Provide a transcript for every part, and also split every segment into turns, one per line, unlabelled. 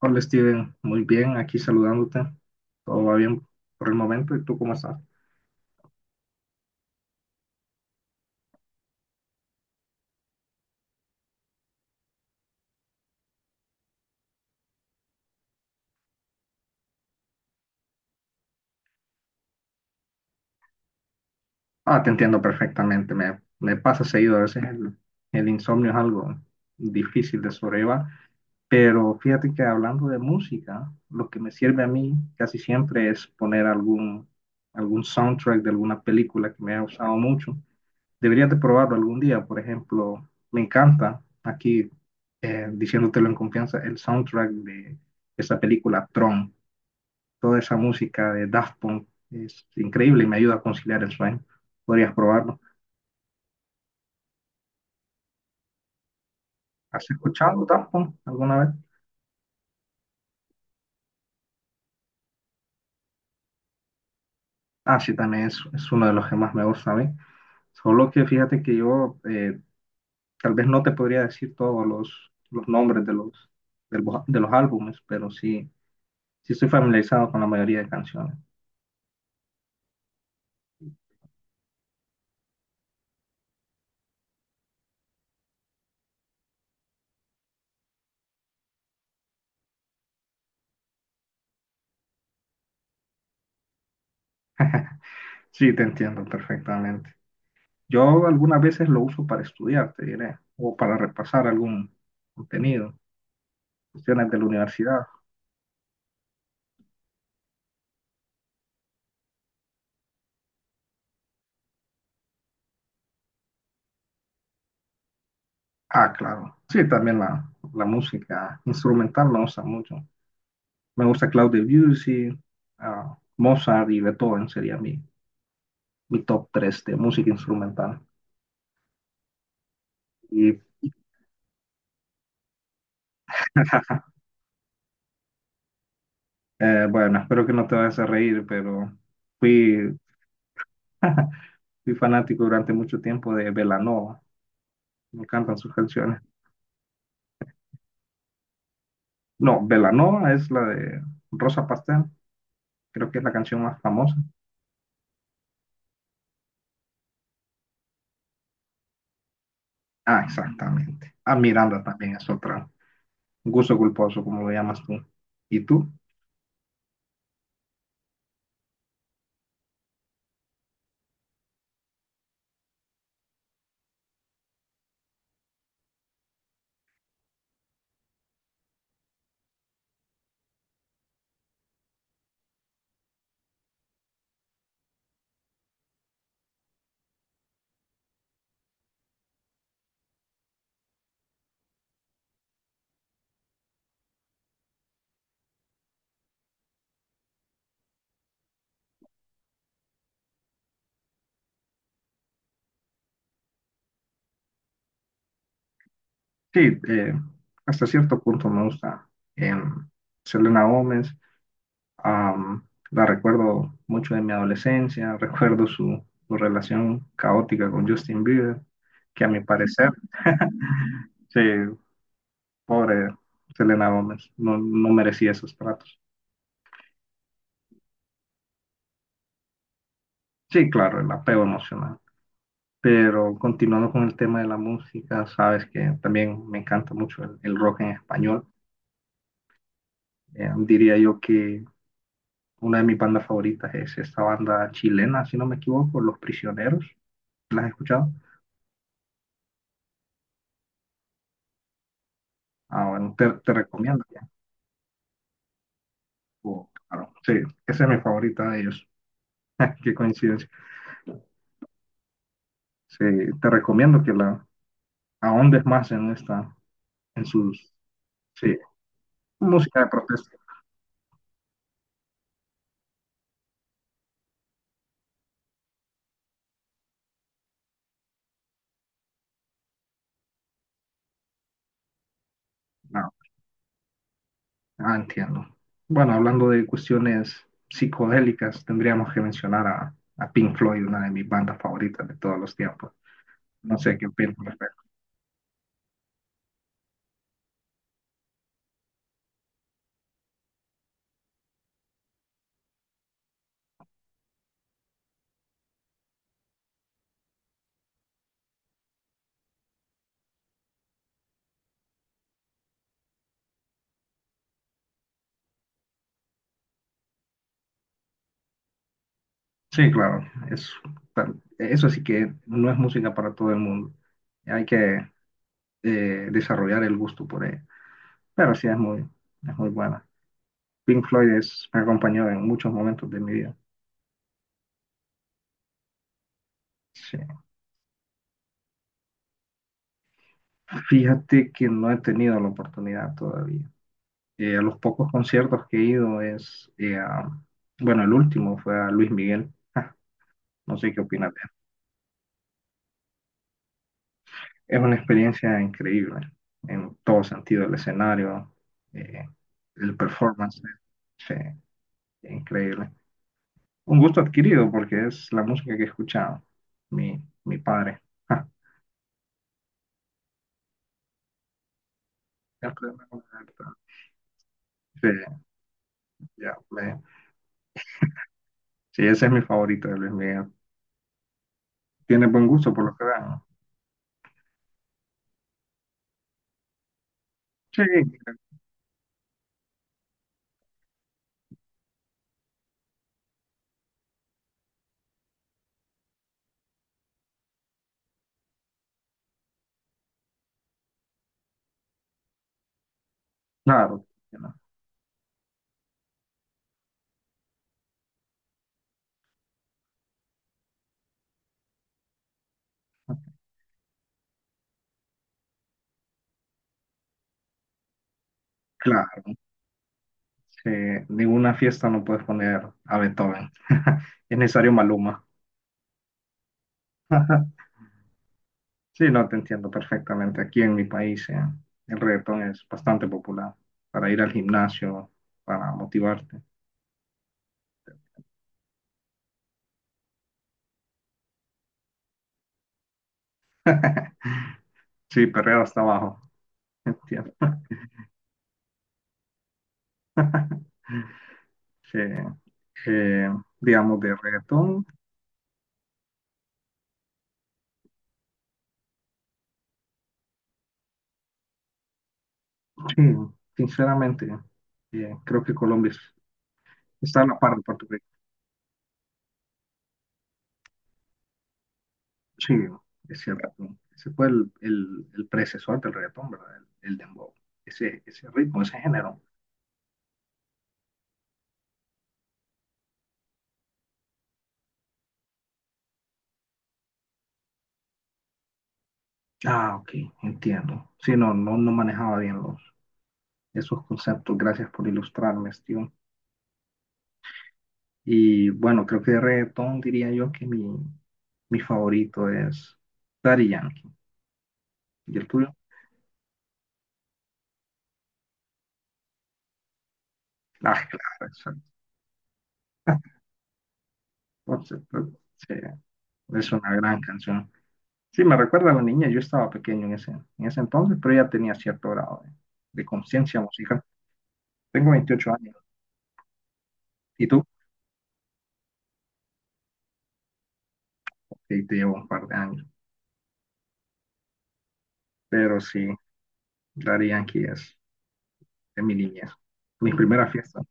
Hola Steven, muy bien, aquí saludándote. Todo va bien por el momento. ¿Y tú cómo estás? Ah, te entiendo perfectamente. Me pasa seguido. A veces el insomnio es algo difícil de sobrellevar. Pero fíjate que hablando de música, lo que me sirve a mí casi siempre es poner algún soundtrack de alguna película que me ha gustado mucho. Deberías de probarlo algún día. Por ejemplo, me encanta aquí diciéndotelo en confianza el soundtrack de esa película Tron. Toda esa música de Daft Punk es increíble y me ayuda a conciliar el sueño. Podrías probarlo. ¿Has escuchado Daft Punk alguna vez? Ah, sí, también es uno de los que más me gusta a mí. Solo que fíjate que yo tal vez no te podría decir todos los nombres de de los álbumes, pero sí estoy familiarizado con la mayoría de canciones. Sí, te entiendo perfectamente. Yo algunas veces lo uso para estudiar, te diré, o para repasar algún contenido, cuestiones de la universidad. Ah, claro. Sí, también la música instrumental me gusta mucho. Me gusta Claude Debussy, ah, Mozart y Beethoven sería mi top 3 de música instrumental. Y bueno, espero que no te vayas a reír, pero fui, fui fanático durante mucho tiempo de Belanova. Me encantan sus canciones. No, Belanova es la de Rosa Pastel. Creo que es la canción más famosa. Ah, exactamente. Ah, Miranda también es otra. Gusto culposo, como lo llamas tú. ¿Y tú? Sí, eh, hasta cierto punto me gusta em, Selena Gómez. am, la recuerdo mucho de mi adolescencia, recuerdo su relación caótica con Justin Bieber, que a mi parecer, sí, pobre Selena Gómez, no merecía esos tratos. Sí, claro, el apego emocional. Pero continuando con el tema de la música, sabes que también me encanta mucho el rock en español. Diría yo que una de mis bandas favoritas es esta banda chilena, si no me equivoco, Los Prisioneros. ¿Las has escuchado? Ah, bueno, te recomiendo. Ya. Oh, claro. Sí, esa es mi favorita de ellos. Qué coincidencia. Sí, te recomiendo que la ahondes más en esta, en sus, sí, música de protesta. No, ah, entiendo. Bueno, hablando de cuestiones psicodélicas, tendríamos que mencionar a Pink Floyd, una de mis bandas favoritas de todos los tiempos. No sé qué opinas al respecto. Sí, claro, eso sí que no es música para todo el mundo. Hay que desarrollar el gusto por ella. Pero sí, es muy buena. Me ha acompañado en muchos momentos de mi vida. Sí. Fíjate que no he tenido la oportunidad todavía. A los pocos conciertos que he ido es, bueno, el último fue a Luis Miguel. Ah, no sé qué opinas. Es una experiencia increíble en todo sentido, el escenario, eh, el performance, sí, increíble. Un gusto adquirido porque es la música que escuchaba mi padre. Ja, siempre me conecta. Sí, ya, sí, ese es mi favorito de Luis Miguel. Tiene buen gusto por lo que vean. Sí, claro, ¿no? Claro. Sí, ninguna fiesta no puedes poner a Beethoven. Es necesario Maluma. Sí, no te entiendo perfectamente. Aquí en mi país, el reggaetón es bastante popular para ir al gimnasio, para motivarte. Sí, perreo hasta abajo. Entiendo. Sí, eh, digamos, de reggaetón, sí, sinceramente, creo que está a la par de Puerto Rico. Sí, es cierto. Ese fue el predecesor del reggaetón, ¿verdad? El dembow. Ese ritmo, ese género. Ah, ok, entiendo. Sí, no, no, no manejaba bien esos conceptos. Gracias por ilustrarme, Steve. Y bueno, creo que de reggaetón diría yo que mi favorito es Daddy Yankee. ¿Y el tuyo? Ah, claro, exacto. Por supuesto, sí, es una gran canción. Sí, me recuerda a la niña, yo estaba pequeño en ese entonces, pero ya tenía cierto grado de conciencia musical. Tengo 28 años, ¿y tú? Sí, te llevo un par de años, pero sí, Daddy Yankee es de mi niñez, mis primeras fiestas.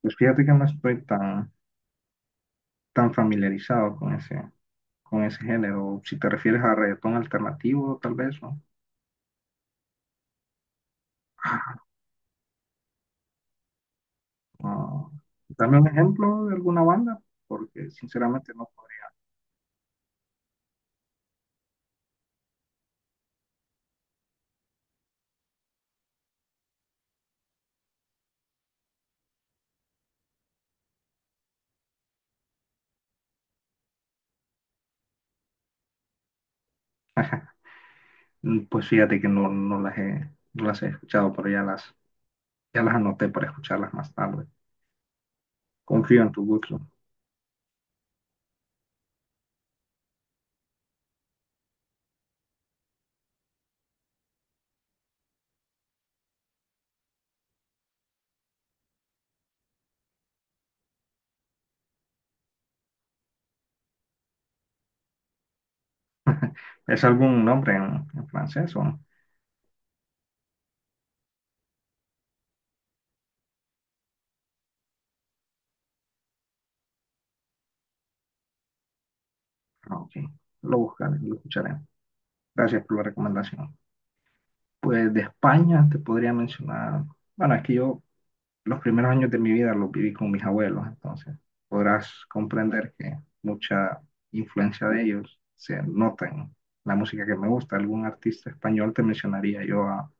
Pues fíjate que no estoy tan familiarizado con con ese género. Si te refieres a reggaetón alternativo, tal vez, ¿no? Ah, no. Dame un ejemplo de alguna banda, porque sinceramente no podría. Mm, pues fíjate que no las no las he escuchado, pero ya ya las anoté para escucharlas más tarde. Confío en tu gusto. ¿Es algún nombre en francés o no? Ah, ok. Lo buscaré, lo escucharé. Gracias por la recomendación. Pues de España te podría mencionar, bueno, es que yo los primeros años de mi vida los viví con mis abuelos, entonces podrás comprender que mucha influencia de ellos se nota en la música que me gusta. Algún artista español te mencionaría yo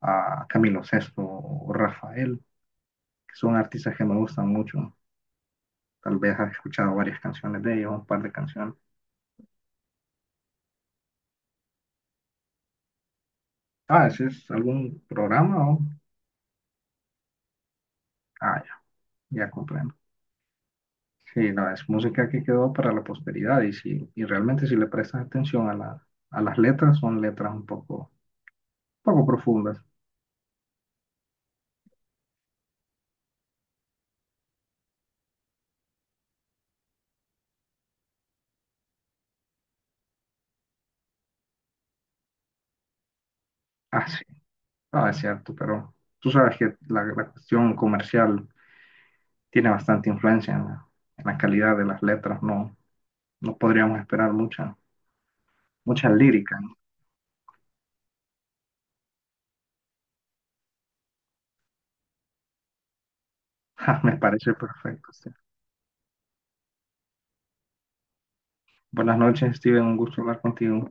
a Camilo Sesto o Rafael, que son artistas que me gustan mucho. Tal vez has escuchado varias canciones de ellos, un par de canciones. Ah, ese es algún programa o... Ah, ya, ya comprendo. Sí, no, es música que quedó para la posteridad y, si, y realmente si le prestas atención a, a las letras, son letras un poco, poco profundas. Ah, sí, ah es cierto, pero tú sabes que la cuestión comercial tiene bastante influencia en en la calidad de las letras, no, no podríamos esperar mucha lírica, ¿no? Me parece perfecto. Sí. Buenas noches, Steven, un gusto hablar contigo.